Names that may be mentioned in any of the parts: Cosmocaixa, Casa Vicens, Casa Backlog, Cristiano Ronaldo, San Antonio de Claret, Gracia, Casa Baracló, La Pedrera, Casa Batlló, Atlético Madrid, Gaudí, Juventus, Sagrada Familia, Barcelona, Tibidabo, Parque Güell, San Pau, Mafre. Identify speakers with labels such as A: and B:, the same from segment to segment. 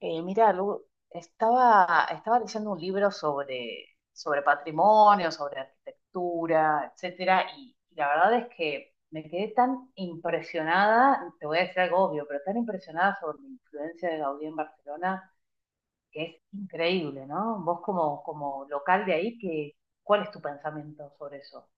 A: Mira, Lu, estaba leyendo un libro sobre patrimonio, sobre arquitectura, etcétera, y la verdad es que me quedé tan impresionada, te voy a decir algo obvio, pero tan impresionada sobre la influencia de Gaudí en Barcelona, que es increíble, ¿no? Vos como local de ahí, que, ¿cuál es tu pensamiento sobre eso?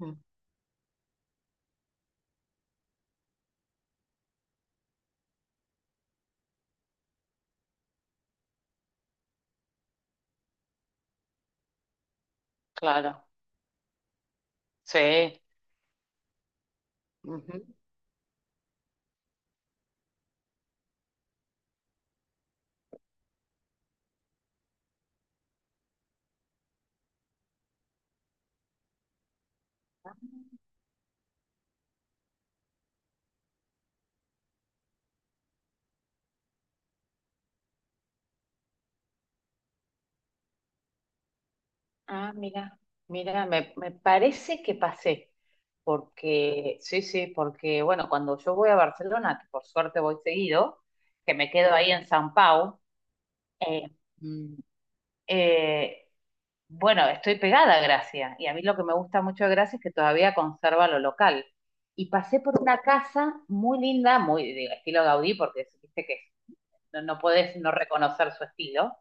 A: Mm. Claro, sí. Ujú. Ah, mira, mira, me parece que pasé, porque, sí, sí, porque, bueno, cuando yo voy a Barcelona, que por suerte voy seguido, que me quedo ahí en San Pau, eh, mm, eh, bueno, estoy pegada a Gracia, y a mí lo que me gusta mucho de Gracia es que todavía conserva lo local. Y pasé por una casa muy linda, muy de estilo Gaudí, porque viste que no podés no reconocer su estilo,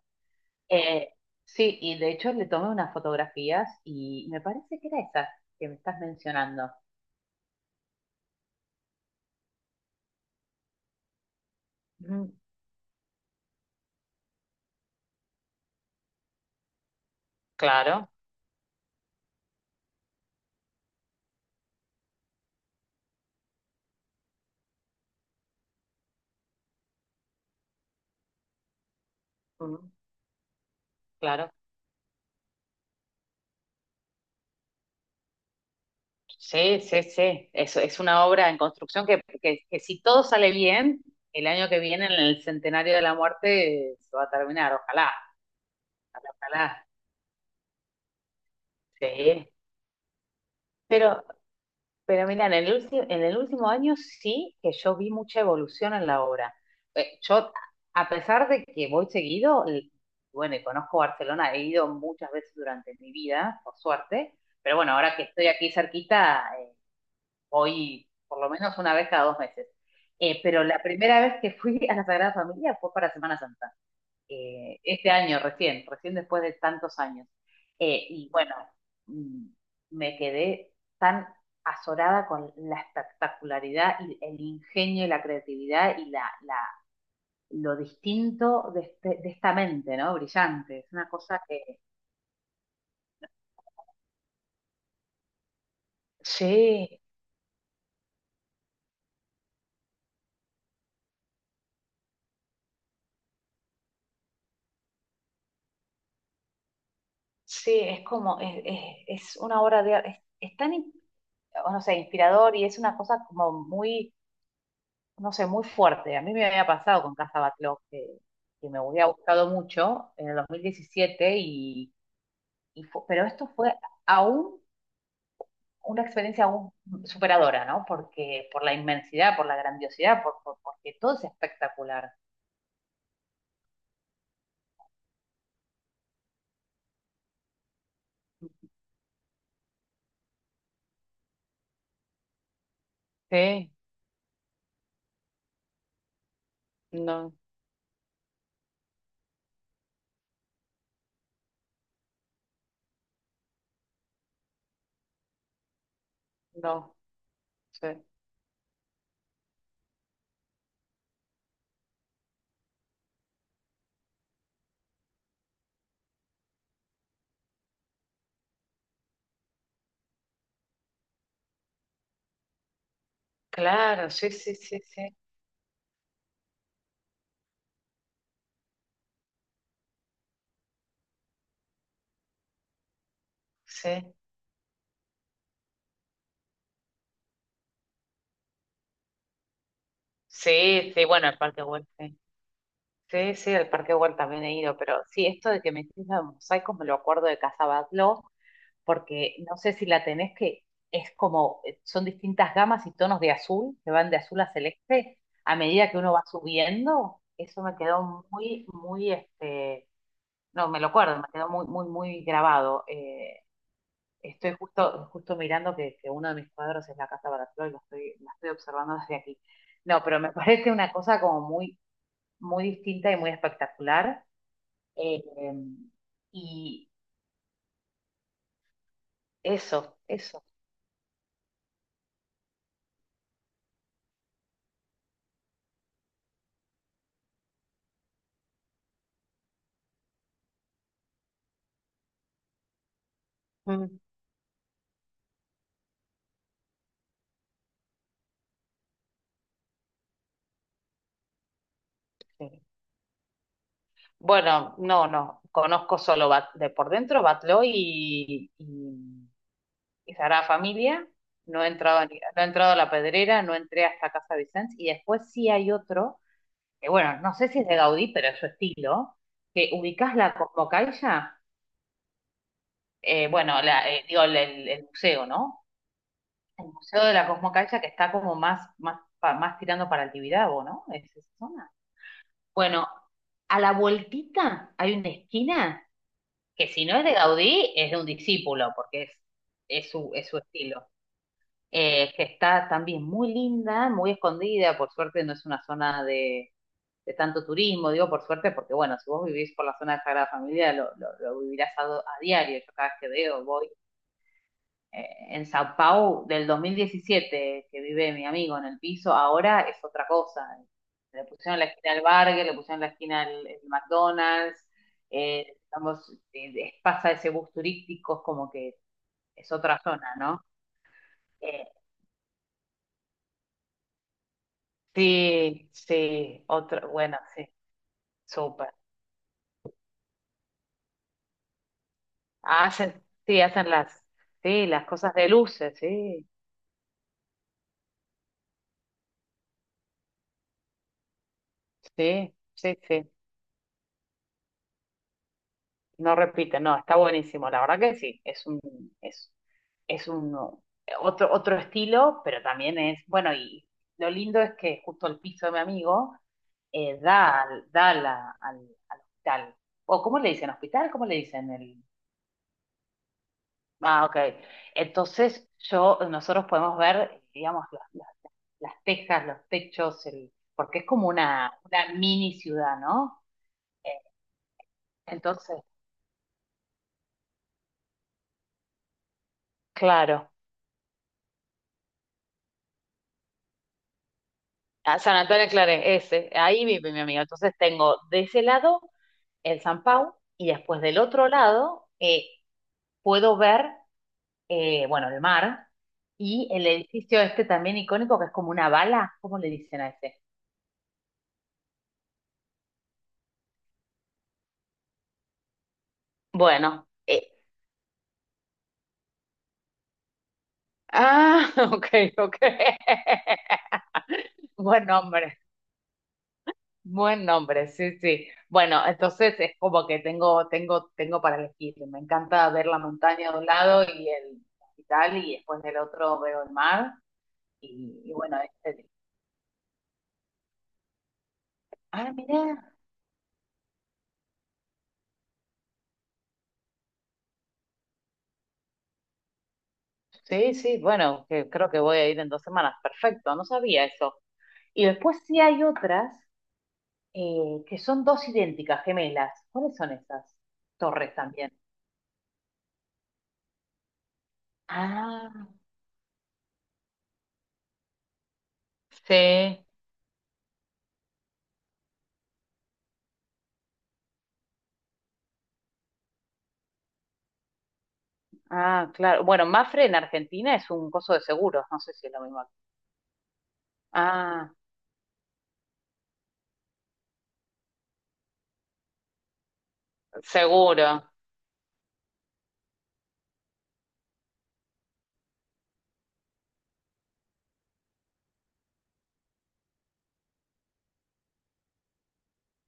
A: eh, sí, y de hecho le tomé unas fotografías y me parece que era esa que me estás mencionando. Ujú. Claro, ujú, claro. Sí, sí, sí. Eso es una obra en construcción que si todo sale bien, el año que viene, en el centenario de la muerte, se va a terminar. Ojalá, ojalá. Sí. Pero Pero mira, en el último año sí que yo vi mucha evolución en la obra. Eh, yo, a pesar de que voy seguido, bueno, y conozco Barcelona, he ido muchas veces durante mi vida, por suerte, pero bueno, ahora que estoy aquí cerquita, voy por lo menos una vez cada dos meses. Pero la primera vez que fui a la Sagrada Familia fue para Semana Santa, este año, recién después de tantos años. Y bueno, mm, me quedé tan azorada con la espectacularidad y el ingenio y la creatividad y lo distinto de, de esta mente, ¿no? Brillante. Es una cosa que... Sí, sí, es como, es una obra de arte, es tan, o no sé, inspirador y es una cosa como muy, no sé, muy fuerte. A mí me había pasado con Casa Backlog, que me había gustado mucho en el 2017, y pero esto fue aún una experiencia aún superadora, ¿no? Porque por la inmensidad, por la grandiosidad, porque todo es espectacular. Sí, no, no, sí. Claro, sí, sí, sí, sí, sí, sí, sí, bueno, el Parque Güell, sí, sí, sí, el Parque Güell también he ido, pero sí, esto de que me hiciste los mosaicos me lo acuerdo de Casa Batlló, porque no sé si la tenés, que es como, son distintas gamas y tonos de azul, que van de azul a celeste, a medida que uno va subiendo, eso me quedó muy, muy, este, no, me lo acuerdo, me quedó muy, muy, muy grabado. Estoy justo, justo mirando que uno de mis cuadros es la Casa Baracló y lo estoy, la estoy observando desde aquí. No, pero me parece una cosa como muy, muy distinta y muy espectacular. Eh, y eso, eso. Mm. Sí. Bueno, no, no, conozco solo de por dentro Batloy y Sagrada Familia. No he entrado, no he entrado a La Pedrera, no entré hasta Casa Vicens. Y después sí hay otro, que bueno, no sé si es de Gaudí, pero es su estilo, que ubicás la Cosmocaixa, bueno, digo, el museo, ¿no? El museo de la Cosmocaixa que está como más, más, más tirando para el Tibidabo, ¿no? Es esa zona. Bueno, a la vueltita hay una esquina que si no es de Gaudí, es de un discípulo, porque es, es su estilo. Que está también muy linda, muy escondida, por suerte no es una zona de tanto turismo, digo por suerte, porque bueno, si vos vivís por la zona de Sagrada Familia, lo vivirás a, a diario, yo cada vez que veo, voy en Sao Paulo del 2017 que vive mi amigo en el piso, ahora es otra cosa. Le pusieron la esquina al Burger, le pusieron la esquina al McDonald's, digamos, pasa ese bus turístico, es como que es otra zona, ¿no? Eh, sí, sí, otra, bueno, sí, súper. Hacen, sí, hacen las, sí, las cosas de luces, sí, sí, sí, sí. No repite, no, está buenísimo, la verdad que sí, es, es un otro, otro estilo, pero también es, bueno, y lo lindo es que justo el piso de mi amigo da, da a al, al hospital. ¿O cómo le dicen hospital? ¿Cómo le dicen el? Ah, ok. Entonces yo, nosotros podemos ver, digamos, las tejas, los techos, el, porque es como una mini ciudad, ¿no? Eh. Entonces, claro. A San Antonio de Claret, ese, ahí vive mi amiga. Entonces tengo de ese lado el San Pau y después del otro lado puedo ver, bueno, el mar y el edificio este también icónico que es como una bala, ¿cómo le dicen a ese? Bueno, ah, ok, ok. Buen nombre, buen nombre, sí, sí. Bueno, entonces es como que tengo para elegir. Me encanta ver la montaña de un lado y el hospital y después del otro veo el mar. Y bueno, este, ah, mira, sí, sí, bueno, que creo que voy a ir en dos semanas, perfecto, no sabía eso. Y después sí hay otras que son dos idénticas, gemelas. ¿Cuáles son esas? Torres también. Ah, sí. Ah, claro. Bueno, Mafre en Argentina es un coso de seguros, no sé si es lo mismo. Ah, seguro.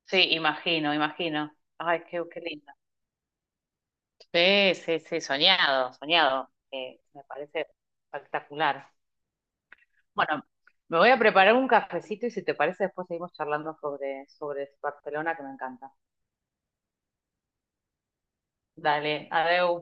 A: Sí, imagino, imagino. Ay, qué, qué lindo. Sí, sí, sí, soñado, soñado. Me parece espectacular. Bueno, me voy a preparar un cafecito y si te parece después seguimos charlando sobre Barcelona que me encanta. Dale, adeu.